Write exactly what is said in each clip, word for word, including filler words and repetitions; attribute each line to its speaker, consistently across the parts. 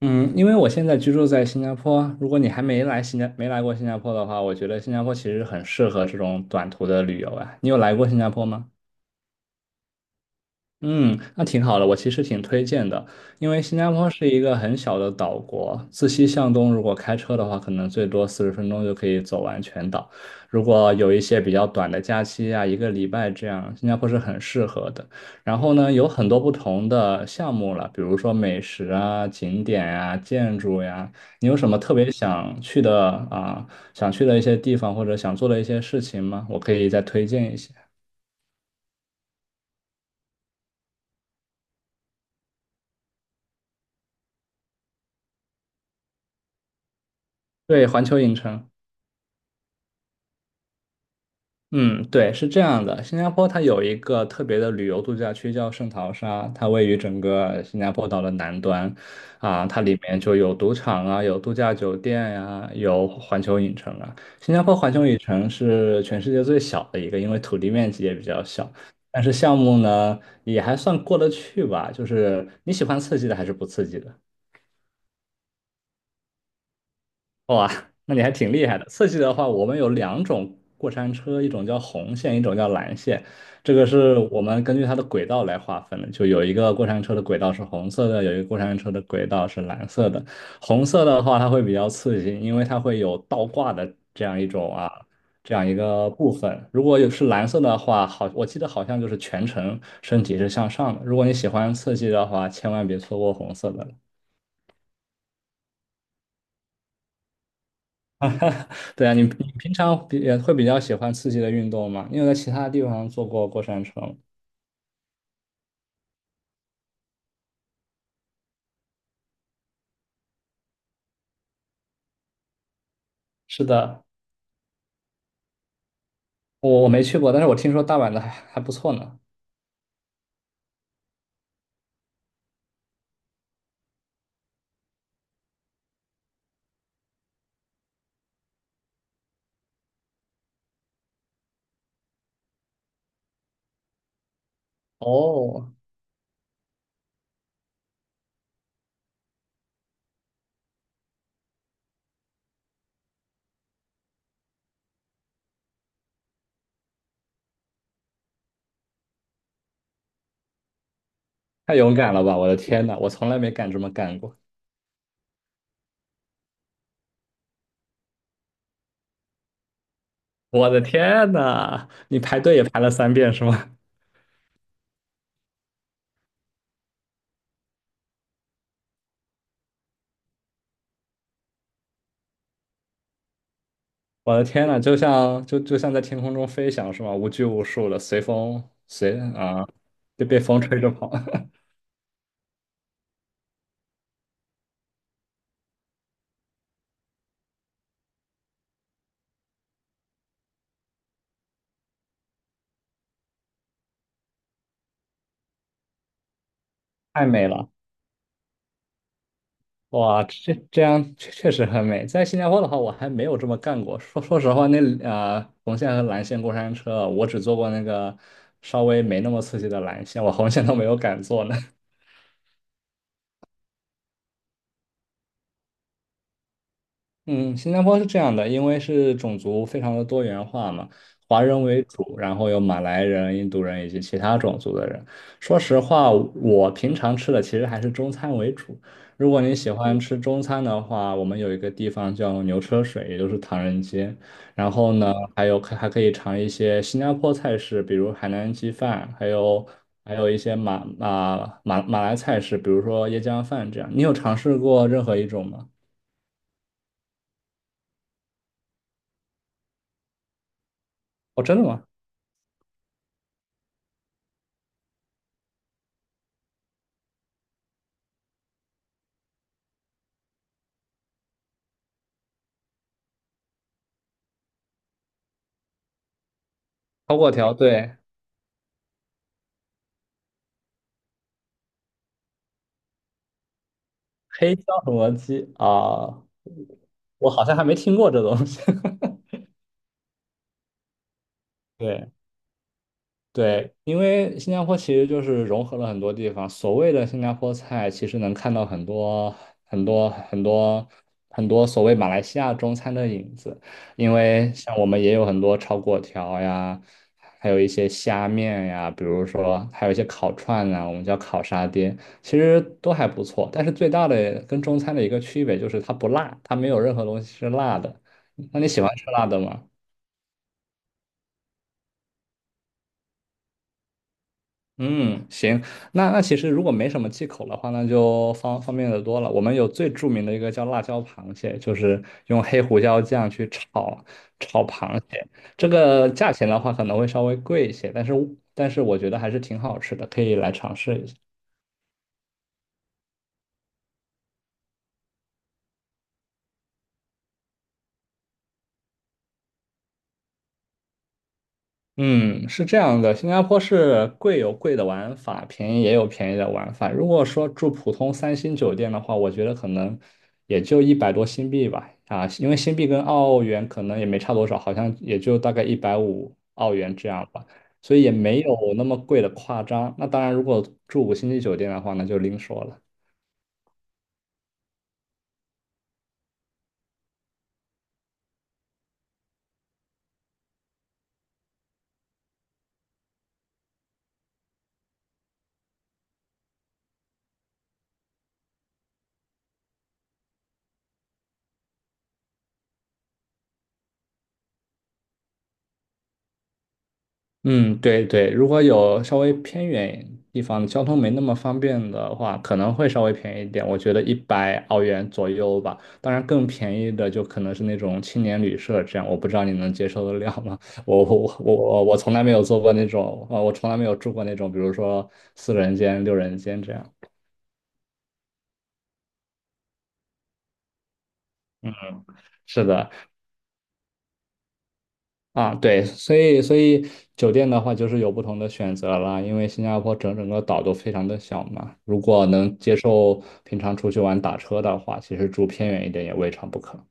Speaker 1: 嗯，因为我现在居住在新加坡，如果你还没来新加没来过新加坡的话，我觉得新加坡其实很适合这种短途的旅游啊。你有来过新加坡吗？嗯，那挺好的，我其实挺推荐的，因为新加坡是一个很小的岛国，自西向东，如果开车的话，可能最多四十分钟就可以走完全岛。如果有一些比较短的假期啊，一个礼拜这样，新加坡是很适合的。然后呢，有很多不同的项目了，比如说美食啊、景点啊、建筑呀、你有什么特别想去的啊、想去的一些地方或者想做的一些事情吗？我可以再推荐一些。对，环球影城。嗯，对，是这样的。新加坡它有一个特别的旅游度假区叫圣淘沙，它位于整个新加坡岛的南端，啊，它里面就有赌场啊，有度假酒店呀、有环球影城啊。新加坡环球影城是全世界最小的一个，因为土地面积也比较小，但是项目呢也还算过得去吧，就是你喜欢刺激的还是不刺激的？哇，那你还挺厉害的。刺激的话，我们有两种过山车，一种叫红线，一种叫蓝线。这个是我们根据它的轨道来划分的，就有一个过山车的轨道是红色的，有一个过山车的轨道是蓝色的。红色的话，它会比较刺激，因为它会有倒挂的这样一种啊，这样一个部分。如果有是蓝色的话，好，我记得好像就是全程身体是向上的。如果你喜欢刺激的话，千万别错过红色的了。对啊，你你平常比也会比较喜欢刺激的运动吗？你有在其他地方坐过过山车吗？是的，我我没去过，但是我听说大阪的还还不错呢。哦，太勇敢了吧！我的天呐，我从来没敢这么干过。我的天呐，你排队也排了三遍是吗？我的天呐，就像就就像在天空中飞翔是吗？无拘无束的，随风随啊，就被风吹着跑，太美了。哇，这这样确确实很美。在新加坡的话，我还没有这么干过。说说实话，那呃，红线和蓝线过山车，我只坐过那个稍微没那么刺激的蓝线，我红线都没有敢坐呢。嗯，新加坡是这样的，因为是种族非常的多元化嘛，华人为主，然后有马来人、印度人以及其他种族的人。说实话，我平常吃的其实还是中餐为主。如果你喜欢吃中餐的话，我们有一个地方叫牛车水，也就是唐人街。然后呢，还有还可以尝一些新加坡菜式，比如海南鸡饭，还有还有一些马马马马来菜式，比如说椰浆饭这样。你有尝试过任何一种吗？哦，真的吗？超过条，对，黑椒什么鸡啊，我好像还没听过这东西。对。对，因为新加坡其实就是融合了很多地方。所谓的新加坡菜，其实能看到很多很多很多很多所谓马来西亚中餐的影子。因为像我们也有很多炒粿条呀，还有一些虾面呀，比如说还有一些烤串啊，我们叫烤沙爹，其实都还不错。但是最大的跟中餐的一个区别就是它不辣，它没有任何东西是辣的。那你喜欢吃辣的吗？嗯，行，那那其实如果没什么忌口的话，那就方方便的多了。我们有最著名的一个叫辣椒螃蟹，就是用黑胡椒酱去炒炒螃蟹。这个价钱的话可能会稍微贵一些，但是但是我觉得还是挺好吃的，可以来尝试一下。嗯，是这样的，新加坡是贵有贵的玩法，便宜也有便宜的玩法。如果说住普通三星酒店的话，我觉得可能也就一百多新币吧，啊，因为新币跟澳元可能也没差多少，好像也就大概一百五澳元这样吧，所以也没有那么贵的夸张。那当然，如果住五星级酒店的话，那就另说了。嗯，对对，如果有稍微偏远地方交通没那么方便的话，可能会稍微便宜一点，我觉得一百澳元左右吧。当然，更便宜的就可能是那种青年旅社这样，我不知道你能接受得了吗？我我我我我从来没有做过那种，啊，我从来没有住过那种，比如说四人间、六人间这样。是的，啊，对，所以所以酒店的话就是有不同的选择啦，因为新加坡整整个岛都非常的小嘛，如果能接受平常出去玩打车的话，其实住偏远一点也未尝不可。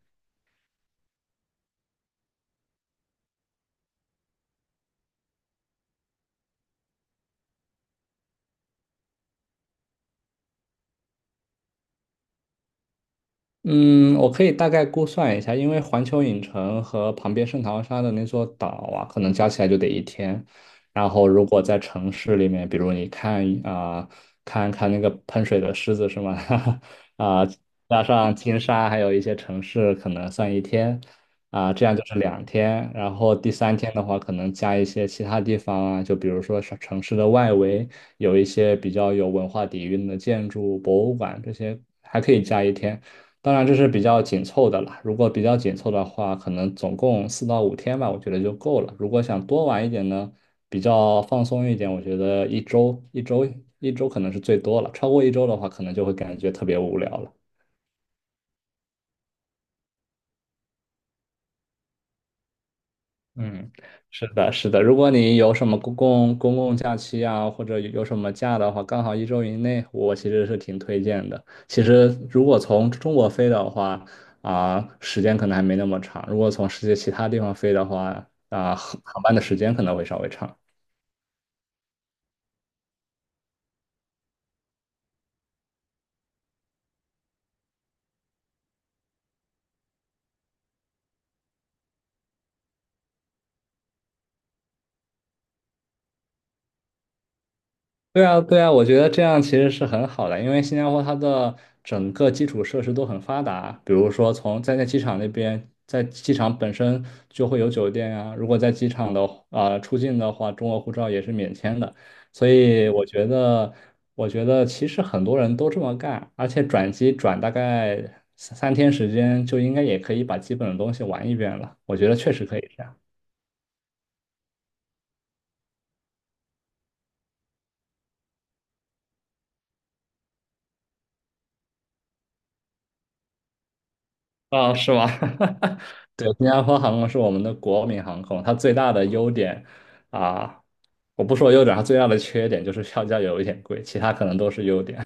Speaker 1: 嗯，我可以大概估算一下，因为环球影城和旁边圣淘沙的那座岛啊，可能加起来就得一天。然后，如果在城市里面，比如你看啊、看看那个喷水的狮子是吗？啊、加上金沙，还有一些城市，可能算一天啊、这样就是两天。然后第三天的话，可能加一些其他地方啊，就比如说是城市的外围有一些比较有文化底蕴的建筑、博物馆这些，还可以加一天。当然这是比较紧凑的了，如果比较紧凑的话，可能总共四到五天吧，我觉得就够了。如果想多玩一点呢，比较放松一点，我觉得一周一周一周可能是最多了。超过一周的话，可能就会感觉特别无聊了。嗯，是的，是的。如果你有什么公共公共假期啊，或者有什么假的话，刚好一周以内，我其实是挺推荐的。其实如果从中国飞的话，啊、时间可能还没那么长；如果从世界其他地方飞的话，啊、航班的时间可能会稍微长。对啊，对啊，我觉得这样其实是很好的，因为新加坡它的整个基础设施都很发达，比如说从在在机场那边，在机场本身就会有酒店啊，如果在机场的啊、呃出境的话，中国护照也是免签的，所以我觉得，我觉得其实很多人都这么干，而且转机转大概三三天时间就应该也可以把基本的东西玩一遍了，我觉得确实可以这样。啊，是吗？对，新加坡航空是我们的国民航空，它最大的优点啊，我不说优点，它最大的缺点就是票价有一点贵，其他可能都是优点。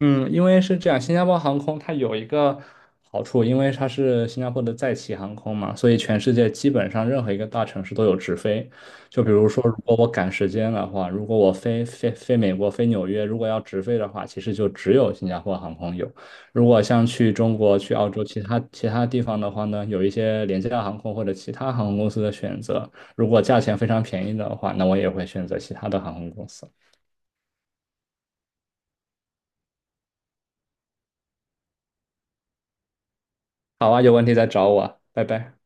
Speaker 1: 嗯，因为是这样，新加坡航空它有一个好处，因为它是新加坡的在旗航空嘛，所以全世界基本上任何一个大城市都有直飞。就比如说，如果我赶时间的话，如果我飞飞飞美国、飞纽约，如果要直飞的话，其实就只有新加坡航空有。如果像去中国、去澳洲其他其他地方的话呢，有一些廉价航空或者其他航空公司的选择。如果价钱非常便宜的话，那我也会选择其他的航空公司。好啊，有问题再找我啊，拜拜。